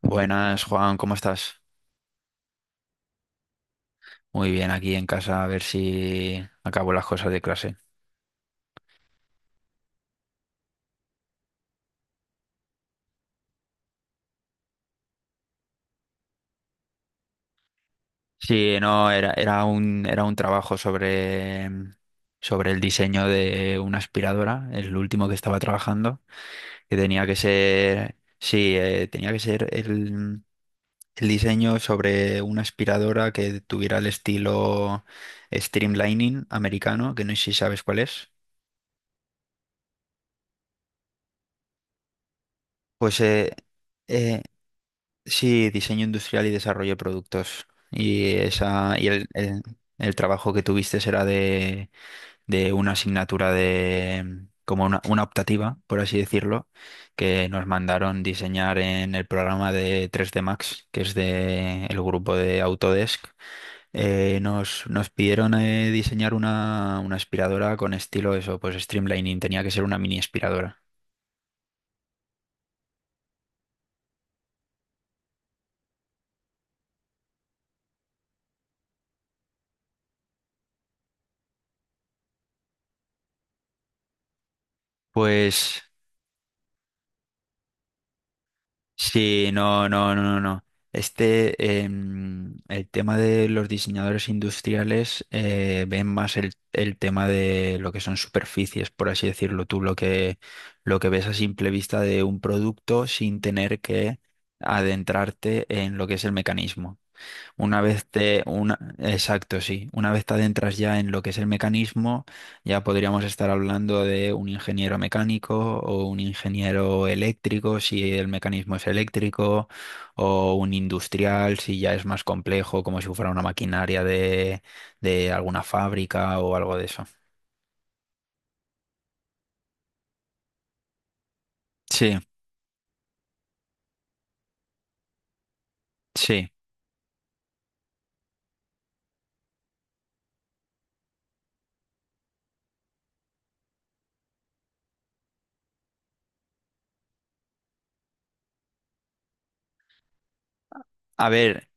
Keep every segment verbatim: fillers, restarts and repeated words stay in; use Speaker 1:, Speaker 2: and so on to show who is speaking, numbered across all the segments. Speaker 1: Buenas, Juan, ¿cómo estás? Muy bien, aquí en casa a ver si acabo las cosas de clase. Sí, no, era, era un, era un trabajo sobre, sobre el diseño de una aspiradora, el último que estaba trabajando, que tenía que ser, sí, eh, tenía que ser el, el diseño sobre una aspiradora que tuviera el estilo streamlining americano, que no sé si sabes cuál es. Pues eh, eh, sí, diseño industrial y desarrollo de productos. Y esa, y el, el- el trabajo que tuviste era de, de una asignatura de como una, una optativa, por así decirlo, que nos mandaron diseñar en el programa de tres D Max, que es de el grupo de Autodesk. Eh, nos, nos pidieron eh, diseñar una, una aspiradora con estilo eso, pues streamlining, tenía que ser una mini aspiradora. Pues Sí, no, no, no, no, no. Este, em, el tema de los diseñadores industriales eh, ven más el, el tema de lo que son superficies, por así decirlo tú, lo que, lo que ves a simple vista de un producto sin tener que adentrarte en lo que es el mecanismo. Una vez te, una, exacto, sí. Una vez te adentras ya en lo que es el mecanismo, ya podríamos estar hablando de un ingeniero mecánico o un ingeniero eléctrico, si el mecanismo es eléctrico, o un industrial, si ya es más complejo, como si fuera una maquinaria de, de alguna fábrica o algo de eso. Sí, sí. A ver.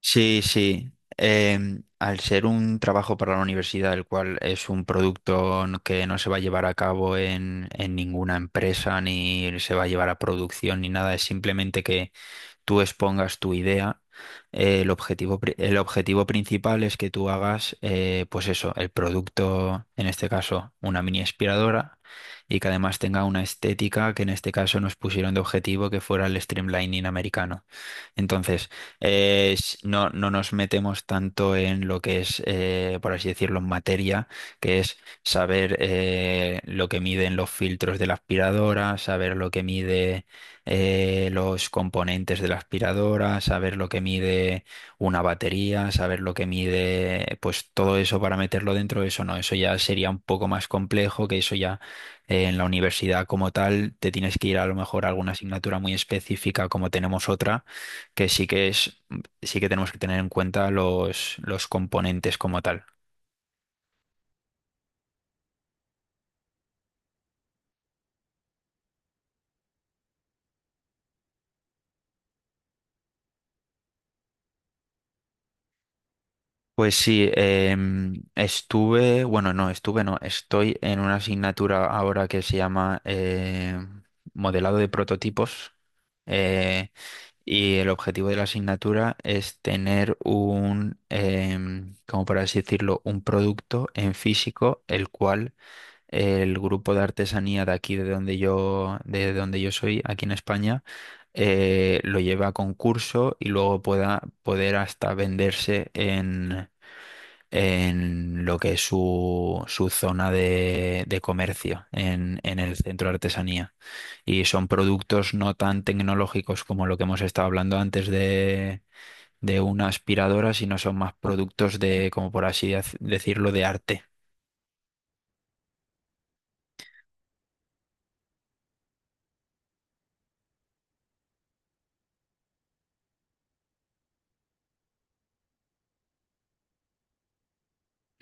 Speaker 1: Sí, sí. Em, al ser un trabajo para la universidad, el cual es un producto n- que no se va a llevar a cabo en, en ninguna empresa, ni se va a llevar a producción, ni nada, es simplemente que tú expongas tu idea. Eh, el objetivo, pri- el objetivo principal es que tú hagas, eh, pues eso, el producto, en este caso, una mini aspiradora, y que además tenga una estética que en este caso nos pusieron de objetivo que fuera el streamlining americano. Entonces, eh, s- no, no nos metemos tanto en lo que es, eh, por así decirlo, en materia, que es saber eh, lo que miden los filtros de la aspiradora, saber lo que mide eh, los componentes de la aspiradora, saber lo que mide una batería, saber lo que mide, pues todo eso para meterlo dentro, eso no, eso ya sería un poco más complejo, que eso ya eh, en la universidad como tal te tienes que ir a lo mejor a alguna asignatura muy específica como tenemos otra, que sí que es, sí que tenemos que tener en cuenta los, los componentes como tal. Pues sí, em, estuve, bueno, no, estuve, no, estoy en una asignatura ahora que se llama eh, modelado de prototipos eh, y el objetivo de la asignatura es tener un, em, como por así decirlo, un producto en físico, el cual el grupo de artesanía de aquí, de donde yo, de donde yo soy, aquí en España, eh, lo lleva a concurso y luego pueda poder hasta venderse en lo que es su, su zona de, de comercio en, en el centro de artesanía. Y son productos no tan tecnológicos como lo que hemos estado hablando antes de, de una aspiradora, sino son más productos de, como por así dec- decirlo, de arte.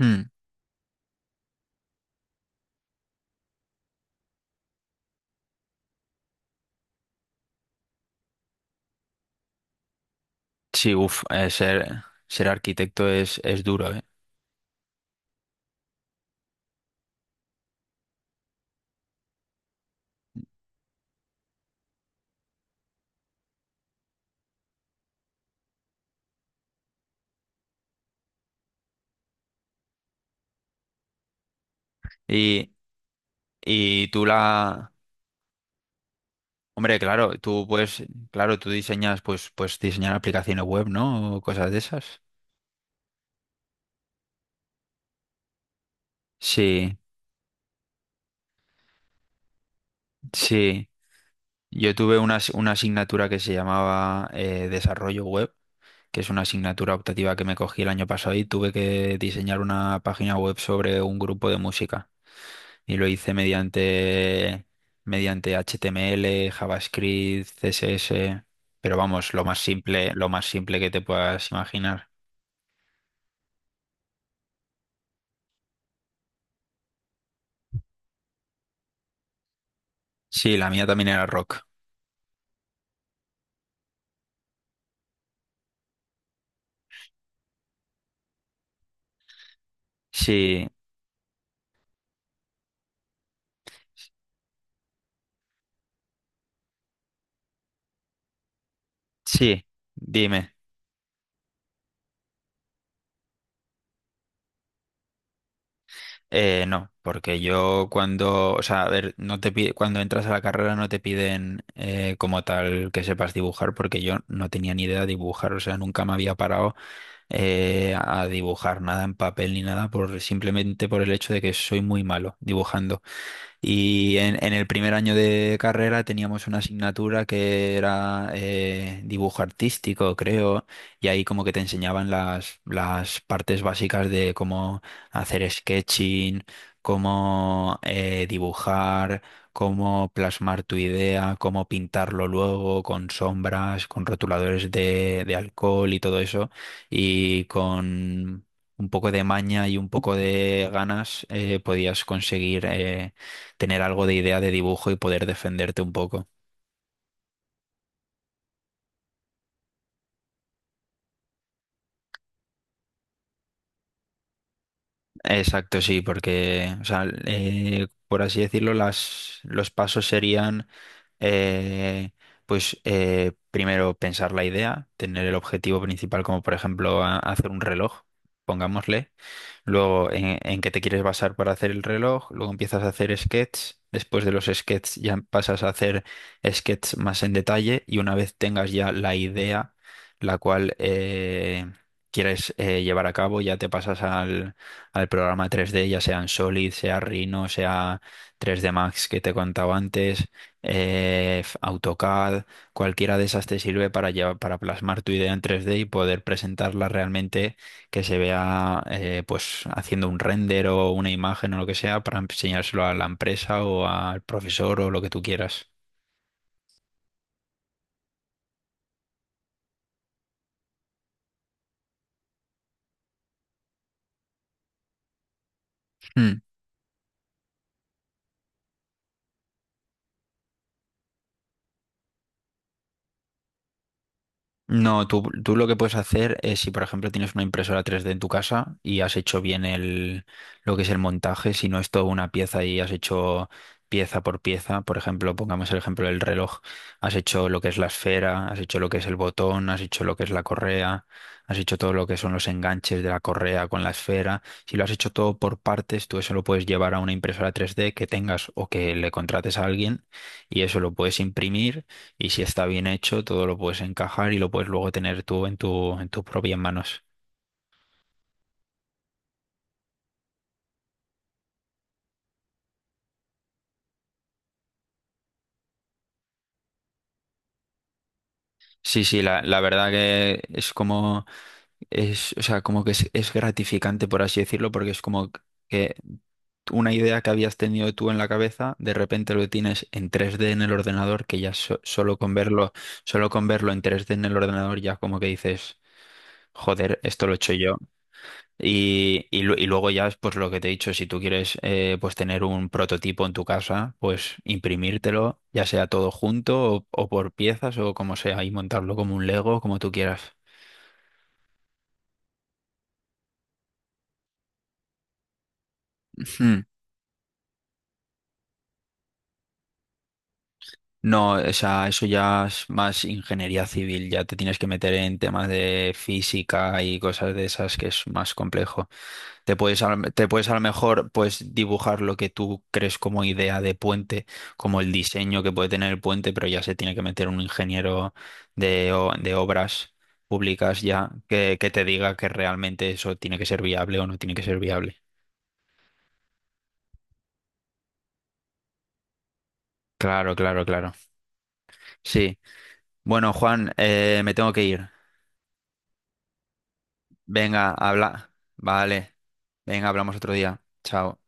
Speaker 1: Mm. Sí, uff, ser, ser arquitecto es, es duro, ¿eh? Y, y tú la... Hombre, claro, tú puedes, claro, tú diseñas, pues, pues diseñar aplicaciones web, ¿no? O cosas de esas. Sí. Sí, yo tuve una, as- una asignatura que se llamaba eh, Desarrollo Web, que es una asignatura optativa que me cogí el año pasado y tuve que diseñar una página web sobre un grupo de música. Y lo hice mediante, mediante H T M L, JavaScript, C S S, pero vamos, lo más simple, lo más simple que te puedas imaginar. Sí, la mía también era rock. Sí, sí, dime. Eh, no, porque yo cuando, o sea, a ver, no te pide, cuando entras a la carrera no te piden eh, como tal que sepas dibujar, porque yo no tenía ni idea de dibujar, o sea, nunca me había parado eh, a dibujar nada en papel ni nada, por simplemente por el hecho de que soy muy malo dibujando. Y en, en el primer año de carrera teníamos una asignatura que era eh, dibujo artístico, creo, y ahí como que te enseñaban las, las partes básicas de cómo hacer sketching, cómo eh, dibujar, cómo plasmar tu idea, cómo pintarlo luego con sombras, con rotuladores de, de alcohol y todo eso, y con... Un poco de maña y un poco de ganas eh, podías conseguir eh, tener algo de idea de dibujo y poder defenderte un poco. Exacto, sí, porque, o sea, eh, por así decirlo, las, los pasos serían, eh, pues, eh, primero pensar la idea, tener el objetivo principal, como por ejemplo a- hacer un reloj, pongámosle. Luego, en, en qué te quieres basar para hacer el reloj. Luego empiezas a hacer sketches. Después de los sketches ya pasas a hacer sketches más en detalle. Y una vez tengas ya la idea, la cual eh, quieres eh, llevar a cabo, ya te pasas al programa tres D, ya sea en Solid, sea Rhino, sea tres D Max que te contaba antes, eh, f- AutoCAD, cualquiera de esas te sirve para llevar, para plasmar tu idea en tres D y poder presentarla realmente que se vea eh, pues haciendo un render o una imagen o lo que sea para enseñárselo a la empresa o al profesor o lo que tú quieras. Mm. No, tú, tú lo que puedes hacer es si, por ejemplo, tienes una impresora tres D en tu casa y has hecho bien el, lo que es el montaje, si no es toda una pieza y has hecho pieza por pieza, por ejemplo, pongamos el ejemplo del reloj, has hecho lo que es la esfera, has hecho lo que es el botón, has hecho lo que es la correa, has hecho todo lo que son los enganches de la correa con la esfera, si lo has hecho todo por partes, tú eso lo puedes llevar a una impresora tres D que tengas o que le contrates a alguien y eso lo puedes imprimir y si está bien hecho, todo lo puedes encajar y lo puedes luego tener tú en tu, en tus propias manos. Sí, sí, la, la verdad que es como, es, o sea, como que es, es gratificante, por así decirlo, porque es como que una idea que habías tenido tú en la cabeza, de repente lo tienes en tres D en el ordenador, que ya so- solo con verlo, solo con verlo en tres D en el ordenador, ya como que dices, joder, esto lo he hecho yo. Y, y lu- y luego ya, pues lo que te he dicho, si tú quieres eh, pues tener un prototipo en tu casa, pues imprimírtelo, ya sea todo junto o, o por piezas o como sea, y montarlo como un Lego, como tú quieras. Ujú. No, o sea, eso ya es más ingeniería civil, ya te tienes que meter en temas de física y cosas de esas que es más complejo. Te puedes, a- te puedes a lo mejor pues dibujar lo que tú crees como idea de puente, como el diseño que puede tener el puente, pero ya se tiene que meter un ingeniero de, o- de obras públicas ya que, que te diga que realmente eso tiene que ser viable o no tiene que ser viable. Claro, claro, claro. Sí. Bueno, Juan, eh, me tengo que ir. Venga, habla. Vale. Venga, hablamos otro día. Chao.